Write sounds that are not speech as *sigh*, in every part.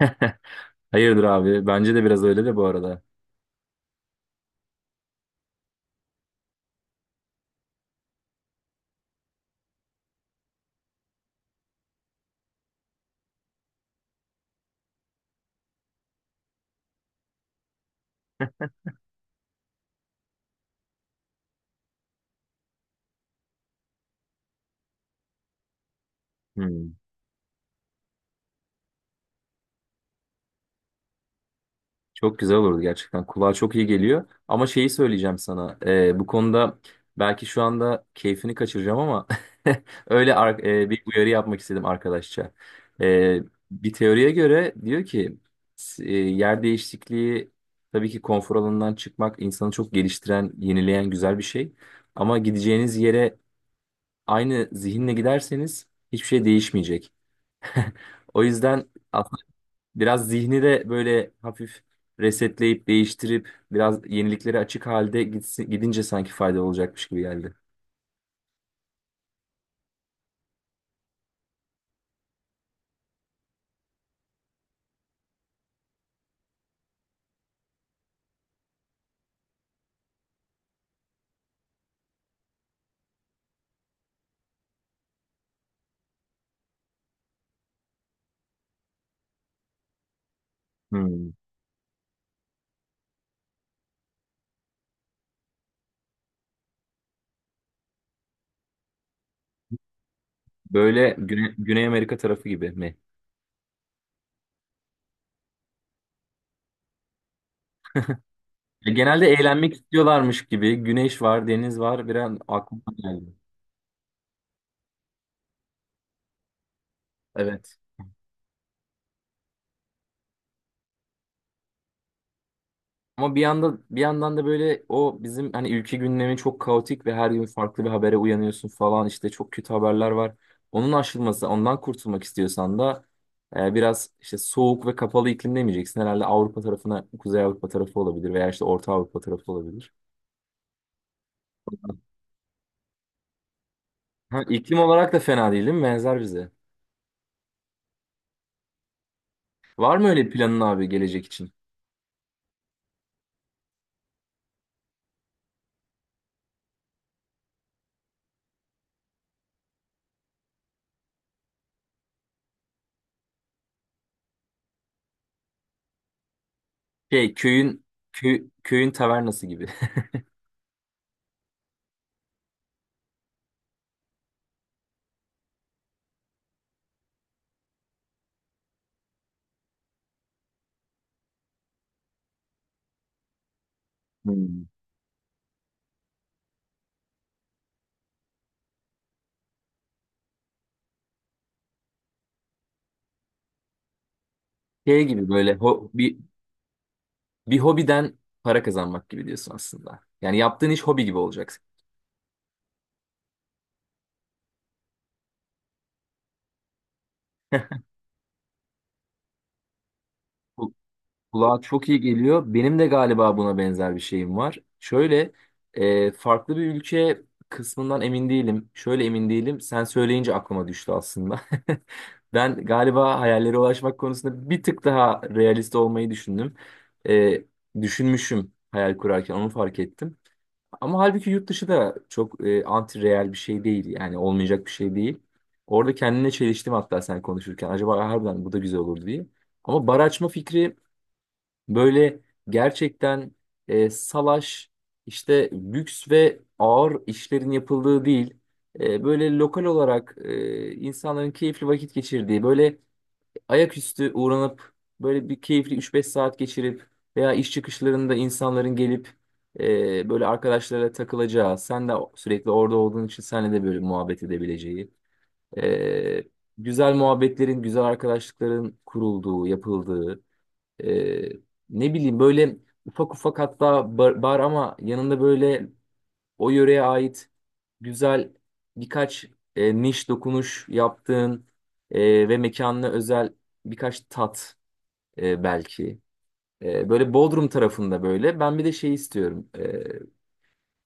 *laughs* Hayırdır abi? Bence de biraz öyle de bu arada. Hmm, Çok güzel olurdu gerçekten. Kulağa çok iyi geliyor. Ama şeyi söyleyeceğim sana. Bu konuda belki şu anda keyfini kaçıracağım ama *laughs* bir uyarı yapmak istedim arkadaşça. Ee, Bir teoriye göre diyor ki yer değişikliği, tabii ki konfor alanından çıkmak, insanı çok geliştiren, yenileyen güzel bir şey. Ama gideceğiniz yere aynı zihinle giderseniz hiçbir şey değişmeyecek. *laughs* O yüzden biraz zihni de böyle hafif resetleyip değiştirip biraz yeniliklere açık halde gitsin, gidince sanki faydalı olacakmış gibi geldi. Hmm. Böyle Güney Amerika tarafı gibi mi? E, genelde eğlenmek istiyorlarmış gibi. Güneş var, deniz var. Bir an aklıma geldi. Evet. Ama bir yanda, bir yandan da böyle o bizim hani ülke gündemi çok kaotik ve her gün farklı bir habere uyanıyorsun falan, işte çok kötü haberler var. Onun aşılması, ondan kurtulmak istiyorsan da biraz işte soğuk ve kapalı iklim demeyeceksin. Herhalde Avrupa tarafına, Kuzey Avrupa tarafı olabilir veya işte Orta Avrupa tarafı olabilir. Ha, iklim olarak da fena değil, değil mi? Benzer bize. Var mı öyle planın abi gelecek için? Şey, köyün tavernası gibi. *laughs* Hmm. Şey gibi böyle ho- bir Bir hobiden para kazanmak gibi diyorsun aslında. Yani yaptığın iş hobi gibi olacak. *laughs* Bu- Kulağa çok iyi geliyor. Benim de galiba buna benzer bir şeyim var. Şöyle, farklı bir ülke kısmından emin değilim. Şöyle emin değilim. Sen söyleyince aklıma düştü aslında. *laughs* Ben galiba hayallere ulaşmak konusunda bir tık daha realist olmayı düşündüm. E, Düşünmüşüm, hayal kurarken onu fark ettim. Ama halbuki yurt dışı da çok anti-real bir şey değil. Yani olmayacak bir şey değil. Orada kendine çeliştim hatta sen konuşurken. Acaba harbiden bu da güzel olur diye. Ama bar açma fikri, böyle gerçekten salaş, işte lüks ve ağır işlerin yapıldığı değil. Böyle lokal olarak, insanların keyifli vakit geçirdiği, böyle ayaküstü uğranıp, böyle bir keyifli üç beş saat geçirip veya iş çıkışlarında insanların gelip, böyle arkadaşlara takılacağı, sen de sürekli orada olduğun için seninle de böyle muhabbet edebileceği, e, güzel muhabbetlerin, güzel arkadaşlıkların kurulduğu, yapıldığı, e, ne bileyim, böyle ufak ufak, hatta bar, bar ama yanında böyle o yöreye ait güzel birkaç niş dokunuş yaptığın, ve mekanına özel birkaç tat, belki. Böyle Bodrum tarafında böyle. Ben bir de şey istiyorum.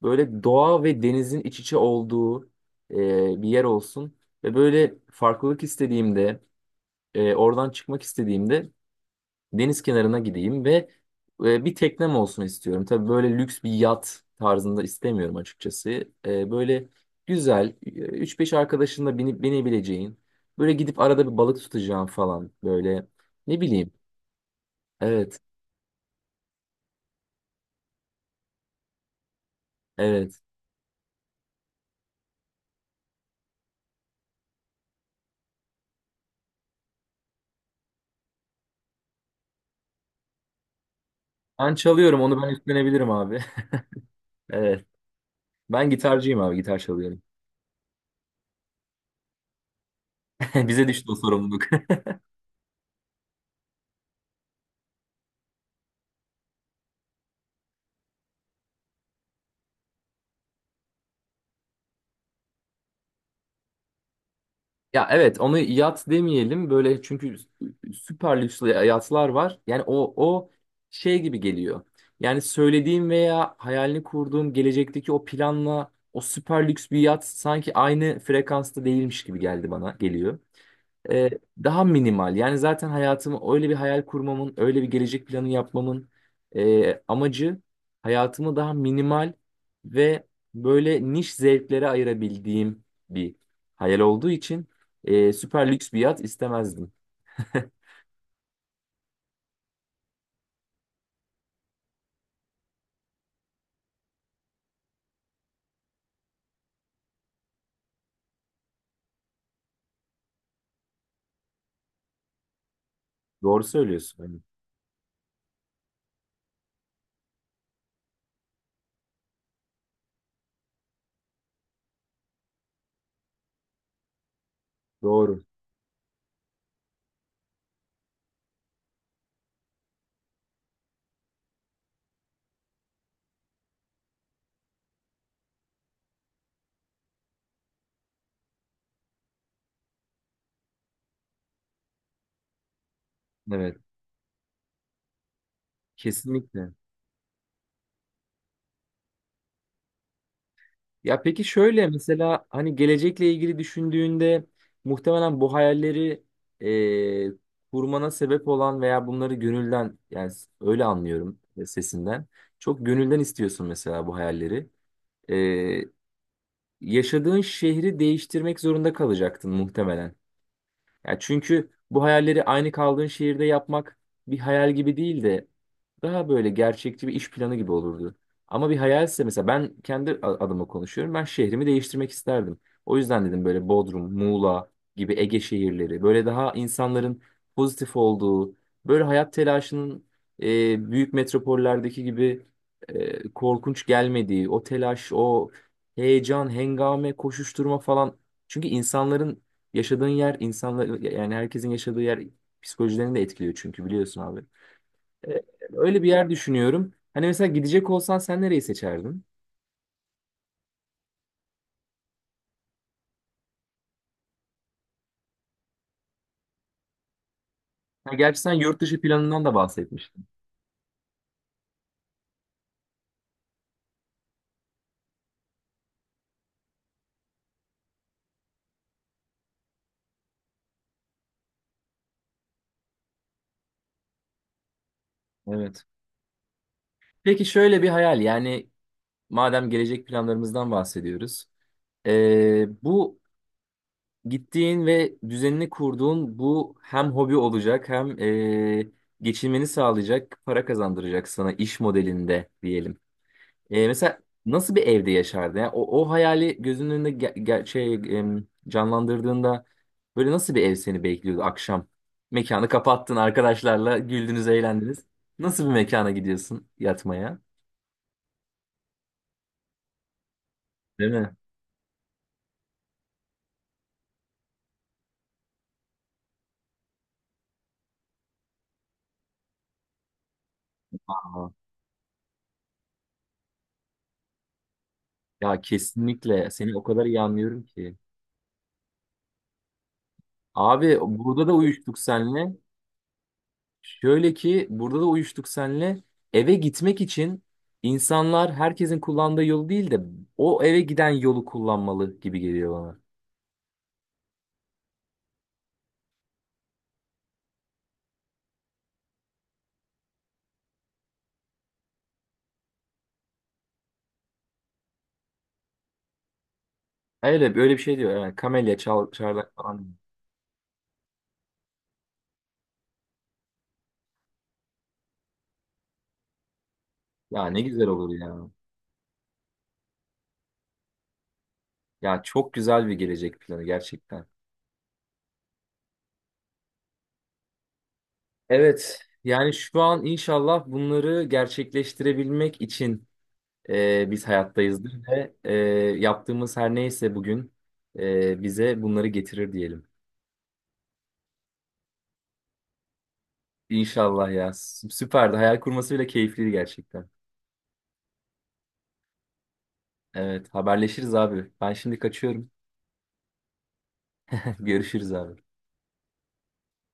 Böyle doğa ve denizin iç içe olduğu bir yer olsun. Ve böyle farklılık istediğimde, oradan çıkmak istediğimde deniz kenarına gideyim ve bir teknem olsun istiyorum. Tabii böyle lüks bir yat tarzında istemiyorum açıkçası. Böyle güzel, 3-5 arkadaşınla binip binebileceğin, böyle gidip arada bir balık tutacağım falan böyle. Ne bileyim. Evet, evet. Ben çalıyorum, onu ben üstlenebilirim abi. *laughs* Evet. Ben gitarcıyım abi, gitar çalıyorum. *laughs* Bize düştü o sorumluluk. *laughs* Ya evet, onu yat demeyelim böyle, çünkü süper lüks yatlar var. Yani o şey gibi geliyor. Yani söylediğim veya hayalini kurduğum gelecekteki o planla o süper lüks bir yat sanki aynı frekansta değilmiş gibi geldi, bana geliyor. Ee, Daha minimal. Yani zaten hayatımı öyle bir hayal kurmamın, öyle bir gelecek planı yapmamın amacı, hayatımı daha minimal ve böyle niş zevklere ayırabildiğim bir hayal olduğu için süper lüks bir yat istemezdim. *laughs* Doğru söylüyorsun. Hani doğru. Evet. Kesinlikle. Ya peki şöyle, mesela hani gelecekle ilgili düşündüğünde, muhtemelen bu hayalleri kurmana sebep olan veya bunları gönülden, yani öyle anlıyorum sesinden, çok gönülden istiyorsun mesela bu hayalleri. E, Yaşadığın şehri değiştirmek zorunda kalacaktın muhtemelen. Yani çünkü bu hayalleri aynı kaldığın şehirde yapmak bir hayal gibi değil de daha böyle gerçekçi bir iş planı gibi olurdu. Ama bir hayalse, mesela ben kendi adıma konuşuyorum. Ben şehrimi değiştirmek isterdim. O yüzden dedim böyle Bodrum, Muğla gibi Ege şehirleri böyle, daha insanların pozitif olduğu, böyle hayat telaşının büyük metropollerdeki gibi korkunç gelmediği, o telaş, o heyecan, hengame, koşuşturma falan. Çünkü insanların Yaşadığın yer, insanlar, yani herkesin yaşadığı yer psikolojilerini de etkiliyor çünkü, biliyorsun abi. Ee, Öyle bir yer düşünüyorum. Hani mesela gidecek olsan sen nereyi seçerdin? Ha, gerçi sen yurt dışı planından da bahsetmiştin. Evet. Peki şöyle bir hayal, yani madem gelecek planlarımızdan bahsediyoruz. Bu gittiğin ve düzenini kurduğun bu hem hobi olacak hem geçinmeni sağlayacak, para kazandıracak sana, iş modelinde diyelim. Mesela nasıl bir evde yaşardı? Yani o, o hayali gözünün önünde canlandırdığında böyle nasıl bir ev seni bekliyordu akşam? Mekanı kapattın, arkadaşlarla güldünüz, eğlendiniz. Nasıl bir mekana gidiyorsun yatmaya? Değil mi? Aa, Ya kesinlikle seni o kadar iyi anlıyorum ki. Abi burada da uyuştuk senle. Şöyle ki burada da uyuştuk senle. Eve gitmek için insanlar herkesin kullandığı yolu değil de o eve giden yolu kullanmalı gibi geliyor bana. Öyle böyle bir şey diyor. Yani kamelya, çal, çardak falan, diyor. Ya ne güzel olur ya. Ya çok güzel bir gelecek planı gerçekten. Evet. Yani şu an inşallah bunları gerçekleştirebilmek için biz hayattayızdır ve yaptığımız her neyse bugün bize bunları getirir diyelim. İnşallah ya. Süperdi. Hayal kurması bile keyifliydi gerçekten. Evet, haberleşiriz abi. Ben şimdi kaçıyorum. *laughs* Görüşürüz abi.